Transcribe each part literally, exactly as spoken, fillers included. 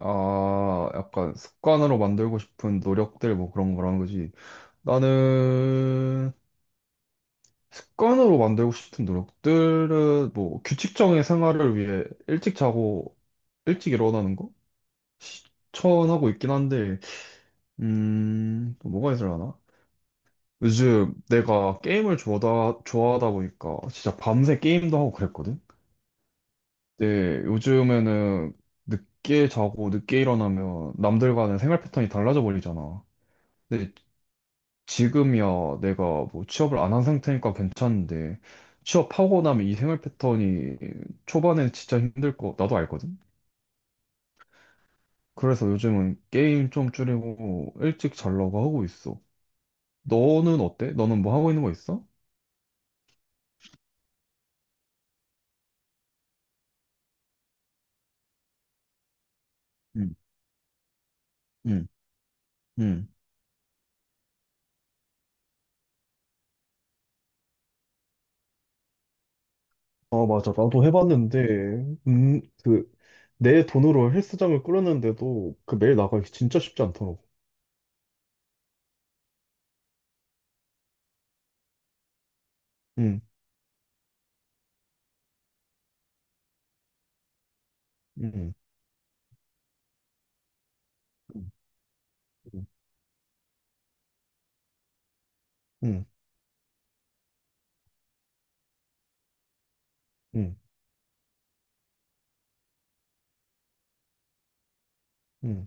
아, 약간 습관으로 만들고 싶은 노력들 뭐 그런 거라는 거지. 나는 습관으로 만들고 싶은 노력들은 뭐 규칙적인 생활을 위해 일찍 자고 일찍 일어나는 거? 처원하고 있긴 한데, 음, 또 뭐가 있을려나. 요즘 내가 게임을 좋아하다, 좋아하다 보니까 진짜 밤새 게임도 하고 그랬거든? 근데 요즘에는 늦게 자고 늦게 일어나면 남들과는 생활 패턴이 달라져 버리잖아. 근데 지금이야 내가 뭐 취업을 안 한 상태니까 괜찮은데 취업하고 나면 이 생활 패턴이 초반엔 진짜 힘들 거 나도 알거든. 그래서 요즘은 게임 좀 줄이고 일찍 자려고 하고 있어. 너는 어때? 너는 뭐 하고 있는 거 있어? 응, 응, 응. 아, 맞아. 나도 해봤는데, 음, 그, 내 돈으로 헬스장을 꾸렸는데도 그 매일 나가기 진짜 쉽지 않더라고. 응. 응. 음, 음. 응. 응. 응.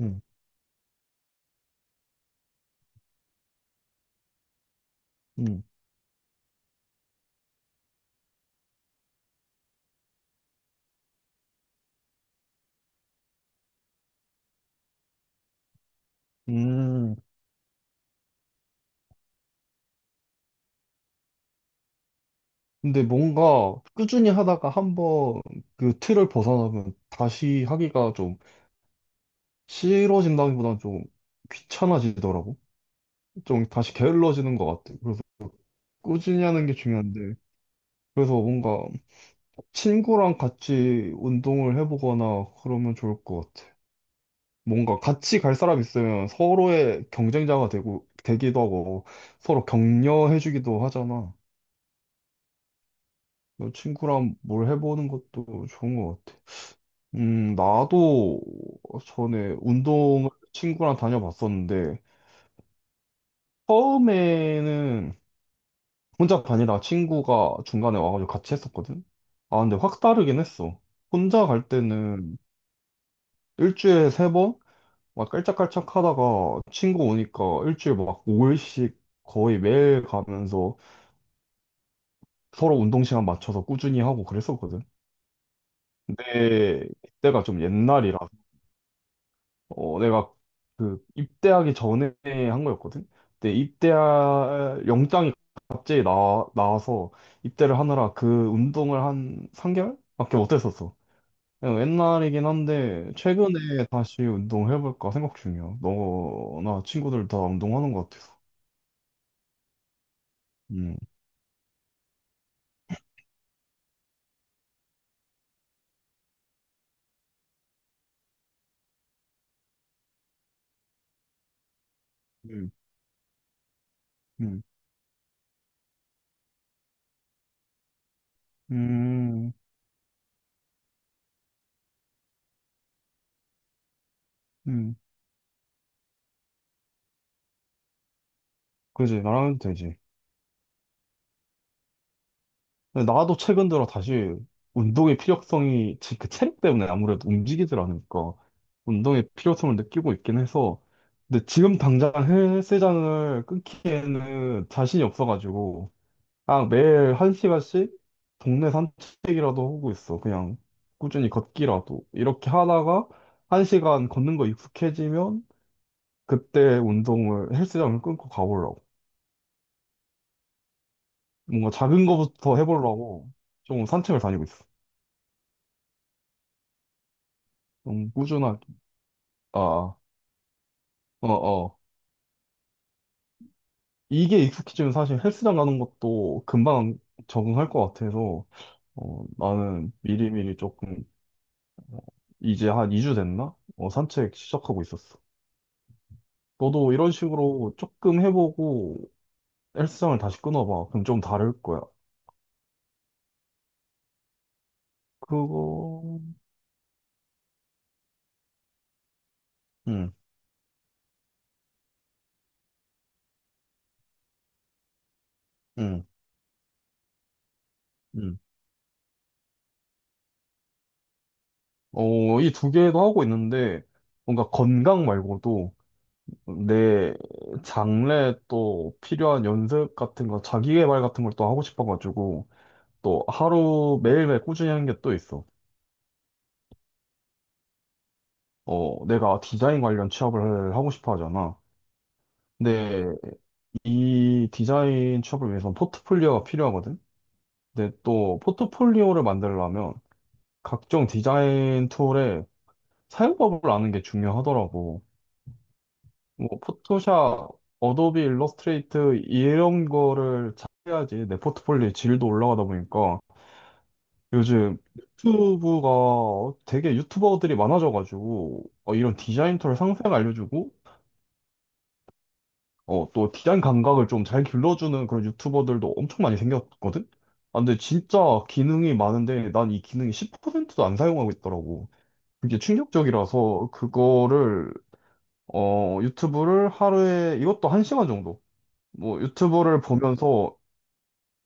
응. 응. 응. 근데 뭔가 꾸준히 하다가 한번 그 틀을 벗어나면 다시 하기가 좀 싫어진다기보다는 좀 귀찮아지더라고. 좀 다시 게을러지는 것 같아. 그래서 꾸준히 하는 게 중요한데. 그래서 뭔가 친구랑 같이 운동을 해보거나 그러면 좋을 것 같아. 뭔가 같이 갈 사람 있으면 서로의 경쟁자가 되고, 되기도 하고, 서로 격려해주기도 하잖아. 친구랑 뭘 해보는 것도 좋은 것 같아. 음, 나도 전에 운동을 친구랑 다녀봤었는데, 처음에는 혼자 다니다가 친구가 중간에 와가지고 같이 했었거든? 아, 근데 확 다르긴 했어. 혼자 갈 때는 일주일에 세 번? 막 깔짝깔짝 하다가 친구 오니까 일주일 막 오 일씩 거의 매일 가면서 서로 운동 시간 맞춰서 꾸준히 하고 그랬었거든. 근데 그때가 좀 옛날이라 어, 내가 그 입대하기 전에 한 거였거든. 근데 입대할 영장이 갑자기 나, 나와서 입대를 하느라 그 운동을 한 삼 개월밖에 못했었어. 그냥 옛날이긴 한데 최근에 다시 운동해볼까 생각 중이야. 너나 친구들 다 운동하는 것 같아서. 음, 음, 음, 음, 음. 그지 나랑 해도 되지. 나도 최근 들어 다시 운동의 필요성이 지- 그 체력 때문에 아무래도 움직이질 않으니까 운동의 필요성을 느끼고 있긴 해서 근데 지금 당장 헬스장을 끊기에는 자신이 없어가지고, 아 매일 한 시간씩 동네 산책이라도 하고 있어. 그냥 꾸준히 걷기라도 이렇게 하다가 한 시간 걷는 거 익숙해지면 그때 운동을 헬스장을 끊고 가보려고. 뭔가 작은 거부터 해보려고 좀 산책을 다니고 있어. 좀 꾸준하게. 아, 아. 어, 어. 이게 익숙해지면 사실 헬스장 가는 것도 금방 적응할 것 같아서, 어, 나는 미리미리 조금, 이제 한 이 주 됐나? 어, 산책 시작하고 있었어. 너도 이런 식으로 조금 해보고 헬스장을 다시 끊어봐. 그럼 좀 다를 거야. 그거, 응, 응, 응. 어, 이 두 개도 하고 있는데, 뭔가 건강 말고도 내 장래 또 필요한 연습 같은 거, 자기계발 같은 걸 또 하고 싶어가지고, 또 하루 매일매일 꾸준히 하는 게 또 있어. 어, 내가 디자인 관련 취업을 하고 싶어 하잖아. 근데 이 디자인 취업을 위해서는 포트폴리오가 필요하거든. 근데 또 포트폴리오를 만들려면 각종 디자인 툴의 사용법을 아는 게 중요하더라고. 뭐 포토샵, 어도비 일러스트레이트 이런 거를 잘해야지 내 포트폴리오의 질도 올라가다 보니까 요즘 유튜브가 되게 유튜버들이 많아져가지고 어, 이런 디자인 툴 상세하게 알려주고 어, 또 디자인 감각을 좀 잘 길러주는 그런 유튜버들도 엄청 많이 생겼거든? 아, 근데 진짜 기능이 많은데 난 이 기능이 십 퍼센트도 안 사용하고 있더라고. 그게 충격적이라서 그거를 어, 유튜브를 하루에 이것도 한시간 정도 뭐 유튜브를 보면서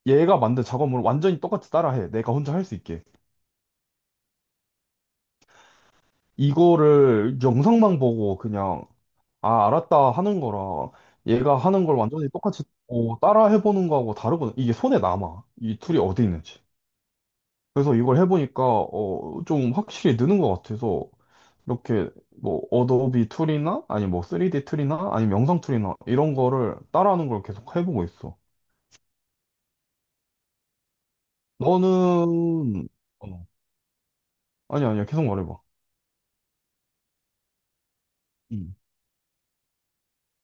얘가 만든 작업물을 완전히 똑같이 따라해. 내가 혼자 할 수 있게. 이거를 영상만 보고 그냥 아, 알았다 하는 거랑 얘가 하는 걸 완전히 똑같이 어, 따라 해보는 거하고 다르거든. 이게 손에 남아. 이 툴이 어디 있는지. 그래서 이걸 해보니까 어, 좀 확실히 느는 것 같아서 이렇게 뭐 어도비 툴이나 아니 뭐 쓰리디 툴이나 아니 면 영상 툴이나 이런 거를 따라하는 걸 계속 해보고 있어. 너는 어, 아니 아니야 계속 말해봐. 응,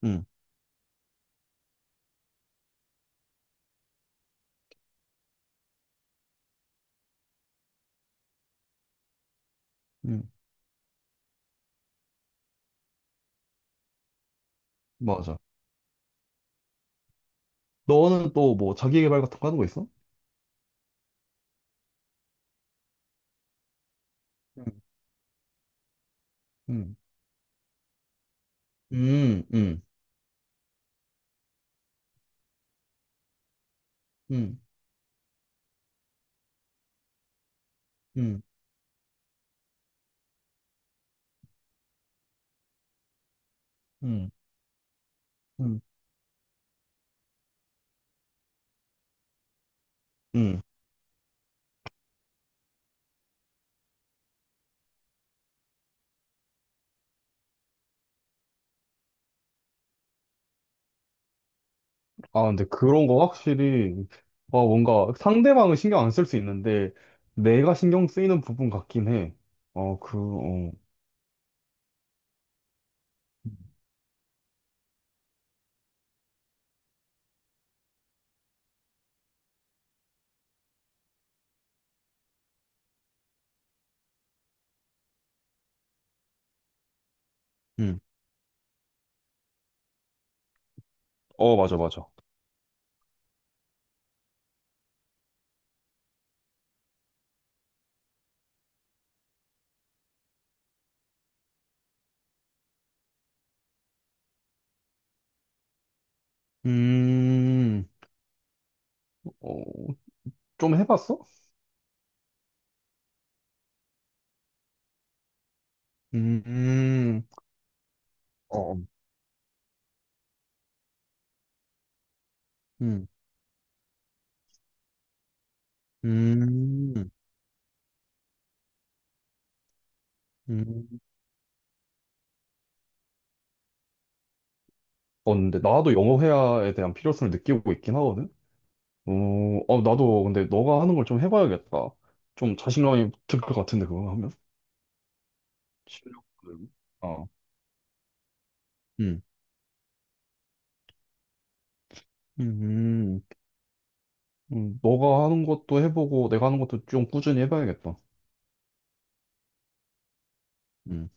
응, 응, 맞아. 너는 또 뭐 자기 개발 같은 거 하는 거 있어? 응, 응, 응, 응, 응, 응. 응. 응. 음. 아, 근데 그런 거 확실히, 아, 뭔가 상대방은 신경 안 쓸 수 있는데, 내가 신경 쓰이는 부분 같긴 해. 어, 그, 어, 음. 어, 맞아, 맞아. 음, 어, 좀 해봤어? 음, 음. 어, 음, 음, 음. 어, 근데 나도 영어 회화에 대한 필요성을 느끼고 있긴 하거든? 어, 어, 나도 근데 너가 하는 걸 좀 해봐야겠다. 좀 자신감이 들 것 같은데, 그거 하면? 실력. 어. 음. 음. 음, 너가 하는 것도 해보고 내가 하는 것도 좀 꾸준히 해봐야겠다. 음.